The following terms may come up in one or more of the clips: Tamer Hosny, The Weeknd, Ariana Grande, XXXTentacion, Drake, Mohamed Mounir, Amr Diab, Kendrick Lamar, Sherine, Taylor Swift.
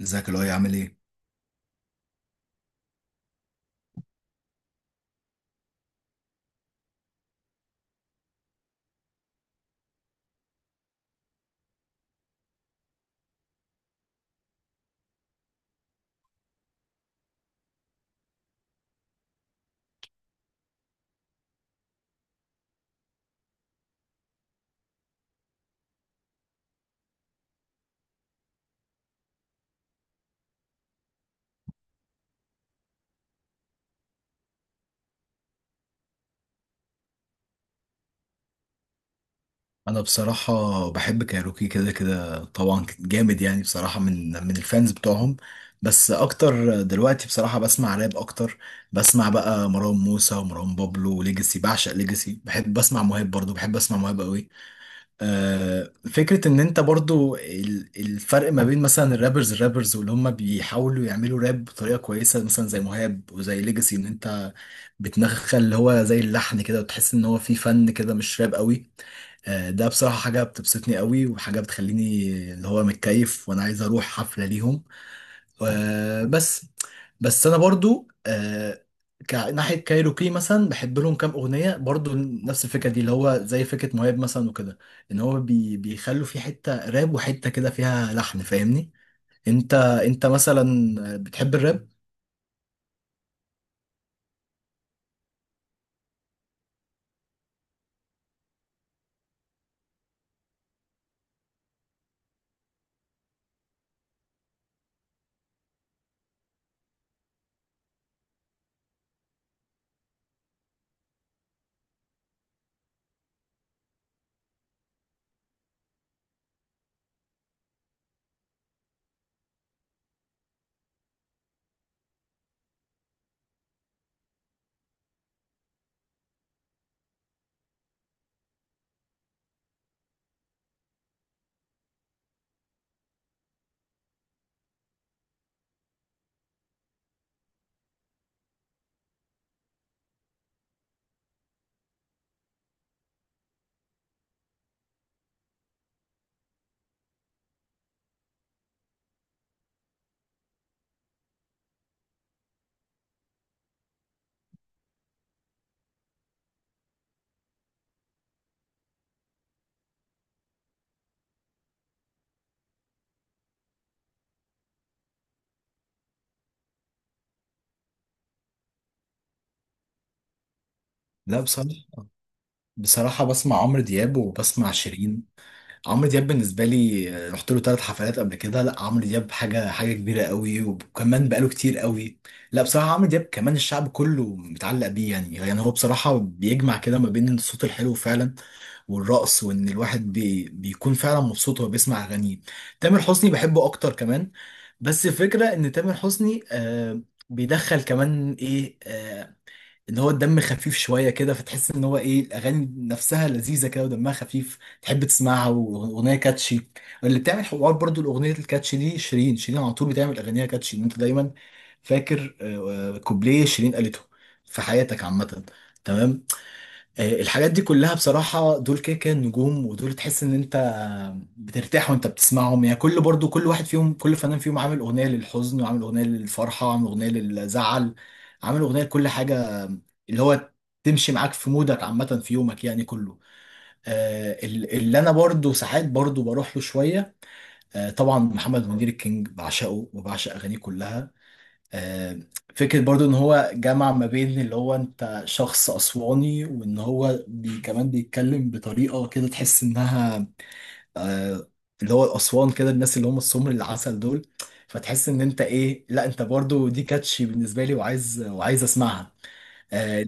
ازيك، اللي هو عامل ايه؟ انا بصراحه بحب كايروكي كده كده طبعا، جامد يعني بصراحه من الفانز بتوعهم. بس اكتر دلوقتي بصراحه بسمع راب اكتر. بسمع بقى مروان موسى ومروان بابلو وليجاسي. بعشق ليجاسي. بحب بسمع مهاب برضو. بحب اسمع مهاب قوي. فكره ان انت برضو، الفرق ما بين مثلا الرابرز واللي هم بيحاولوا يعملوا راب بطريقه كويسه، مثلا زي مهاب وزي ليجاسي، ان انت بتنخل اللي هو زي اللحن كده، وتحس ان هو فيه فن كده مش راب قوي. ده بصراحة حاجة بتبسطني قوي، وحاجة بتخليني اللي هو متكيف، وانا عايز اروح حفلة ليهم. بس. بس انا برضو ناحية كايروكي مثلا بحب لهم كام اغنية، برضو نفس الفكرة دي اللي هو زي فكرة مهاب مثلا وكده. ان هو بيخلوا في حتة راب وحتة كده فيها لحن، فاهمني؟ انت مثلا، بتحب الراب؟ لا، بصراحة بسمع عمرو دياب وبسمع شيرين. عمرو دياب بالنسبه لي، رحت له ثلاث حفلات قبل كده. لا، عمرو دياب حاجه كبيره قوي، وكمان بقاله كتير قوي. لا بصراحه عمرو دياب كمان الشعب كله متعلق بيه، يعني هو بصراحه بيجمع كده ما بين الصوت الحلو فعلا، والرقص، وان الواحد بيكون فعلا مبسوط وهو بيسمع اغانيه. تامر حسني بحبه اكتر كمان. بس الفكره ان تامر حسني بيدخل كمان ايه، اللي هو الدم خفيف شويه كده، فتحس ان هو ايه، الاغاني نفسها لذيذه كده ودمها خفيف، تحب تسمعها، واغنيه كاتشي اللي بتعمل حوار. برضو الاغنيه الكاتشي دي، شيرين شيرين على طول بتعمل اغانيها كاتشي إن انت دايما فاكر كوبليه شيرين قالته في حياتك عامه. تمام. الحاجات دي كلها بصراحة دول كده كده نجوم، ودول تحس ان انت بترتاح وانت بتسمعهم. يعني كل، برضو كل واحد فيهم، كل فنان فيهم عامل اغنية للحزن، وعامل اغنية للفرحة، وعامل اغنية للزعل، عامل اغنية لكل حاجة اللي هو تمشي معاك في مودك عامة في يومك يعني كله. اللي انا برضو ساعات برضو بروح له شوية. طبعا محمد منير الكينج، بعشقه وبعشق اغانيه كلها. آه، فكرة برضو ان هو جمع ما بين اللي هو انت شخص اسواني، وان هو كمان بيتكلم بطريقة كده تحس انها آه، اللي هو الاسوان كده، الناس اللي هم السمر العسل دول، فتحس ان انت ايه، لا انت برضو دي كاتشي بالنسبة لي، وعايز وعايز اسمعها. آه،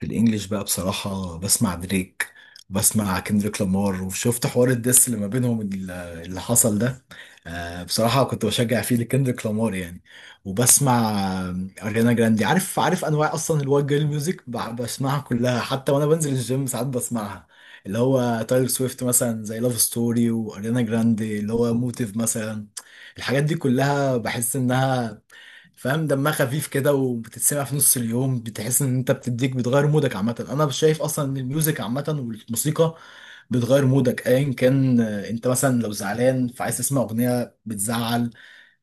في الانجليش بقى بصراحة بسمع دريك. بسمع كندريك لامار، وشفت حوار الدس اللي ما بينهم اللي حصل ده. بصراحة كنت بشجع فيه لكندريك لامار يعني. وبسمع آه، اريانا جراندي. عارف انواع اصلا الوايت جيرل ميوزك، بسمعها كلها، حتى وانا بنزل الجيم ساعات بسمعها. اللي هو تايلور سويفت مثلا زي لاف ستوري، واريانا جراندي اللي هو موتيف مثلا. الحاجات دي كلها بحس انها، فاهم، دمها خفيف كده وبتتسمع في نص اليوم، بتحس ان انت بتديك بتغير مودك عامه. انا شايف اصلا ان الميوزك عامه والموسيقى بتغير مودك ايا كان. انت مثلا لو زعلان فعايز تسمع اغنيه بتزعل،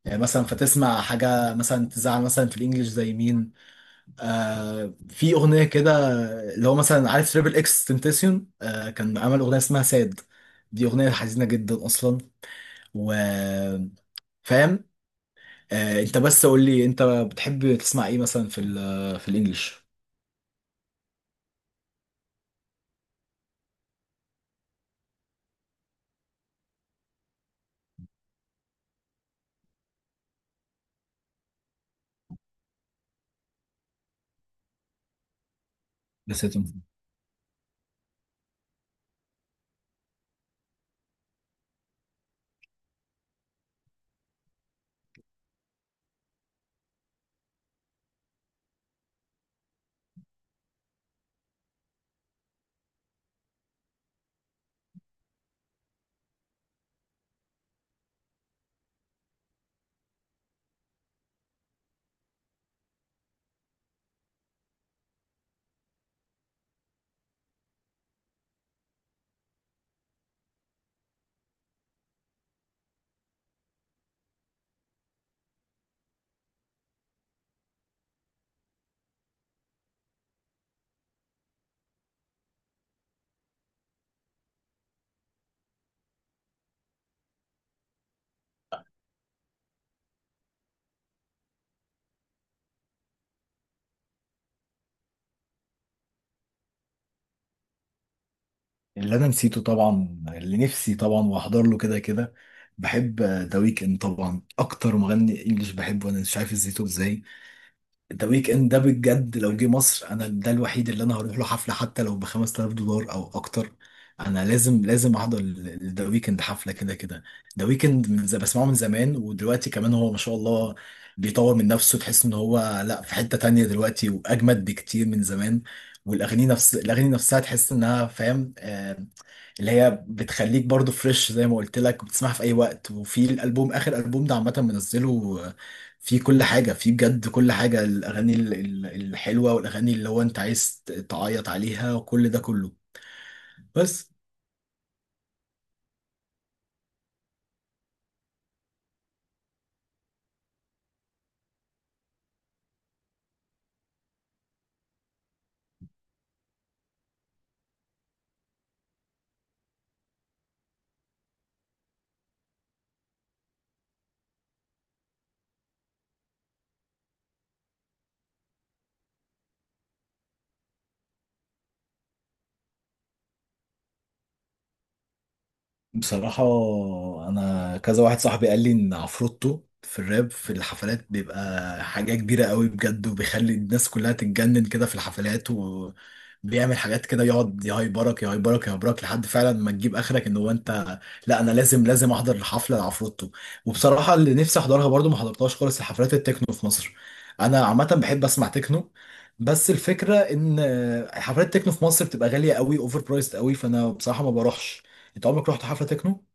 مثلا فتسمع حاجه مثلا تزعل، مثلا في الانجليش زي مين؟ في اغنيه كده اللي هو مثلا، عارف تريبل اكس تنتسيون كان عمل اغنيه اسمها ساد. دي اغنيه حزينه جدا اصلا، و، فاهم. انت بس قول لي، انت بتحب تسمع ايه مثلا، في الانجليش؟ نسيت. اللي انا نسيته طبعا، اللي نفسي طبعا واحضر له كده كده، بحب ذا ويكند. طبعا اكتر مغني انجليش بحبه انا، مش عارف ازاي ده ويك اند ده، بجد لو جه مصر انا ده الوحيد اللي انا هروح له حفله، حتى لو ب 5000 دولار او اكتر. انا لازم لازم احضر ذا ويكند حفله كده كده. ذا ويكند من بسمعه من زمان، ودلوقتي كمان هو ما شاء الله بيطور من نفسه، تحس ان هو لا في حته تانية دلوقتي، واجمد بكتير من زمان. والاغاني، نفس الاغاني نفسها تحس انها، فاهم، اللي هي بتخليك برضو فريش، زي ما قلت لك، بتسمعها في اي وقت. وفي الالبوم، اخر البوم ده عامه منزله، فيه كل حاجه، فيه بجد كل حاجه، الاغاني الحلوه، والاغاني اللي هو انت عايز تعيط عليها، وكل ده كله. بس بصراحة، أنا كذا واحد صاحبي قال لي إن عفروتو في الراب في الحفلات بيبقى حاجة كبيرة قوي بجد، وبيخلي الناس كلها تتجنن كده في الحفلات، وبيعمل حاجات كده، يقعد يهايبرك يهايبرك يهايبرك لحد فعلا ما تجيب آخرك إن هو أنت. لا، أنا لازم لازم أحضر حفلة لعفروتو. وبصراحة اللي نفسي أحضرها برضو ما حضرتهاش خالص، الحفلات التكنو في مصر. أنا عامة بحب أسمع تكنو. بس الفكرة إن حفلات التكنو في مصر بتبقى غالية قوي، أوفر برايسد قوي، فأنا بصراحة ما بروحش. انت عمرك رحت حفلة تكنو؟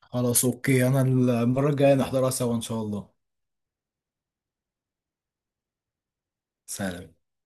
خلاص، اوكي، انا المرة الجاية نحضرها سوا ان شاء الله. سلام.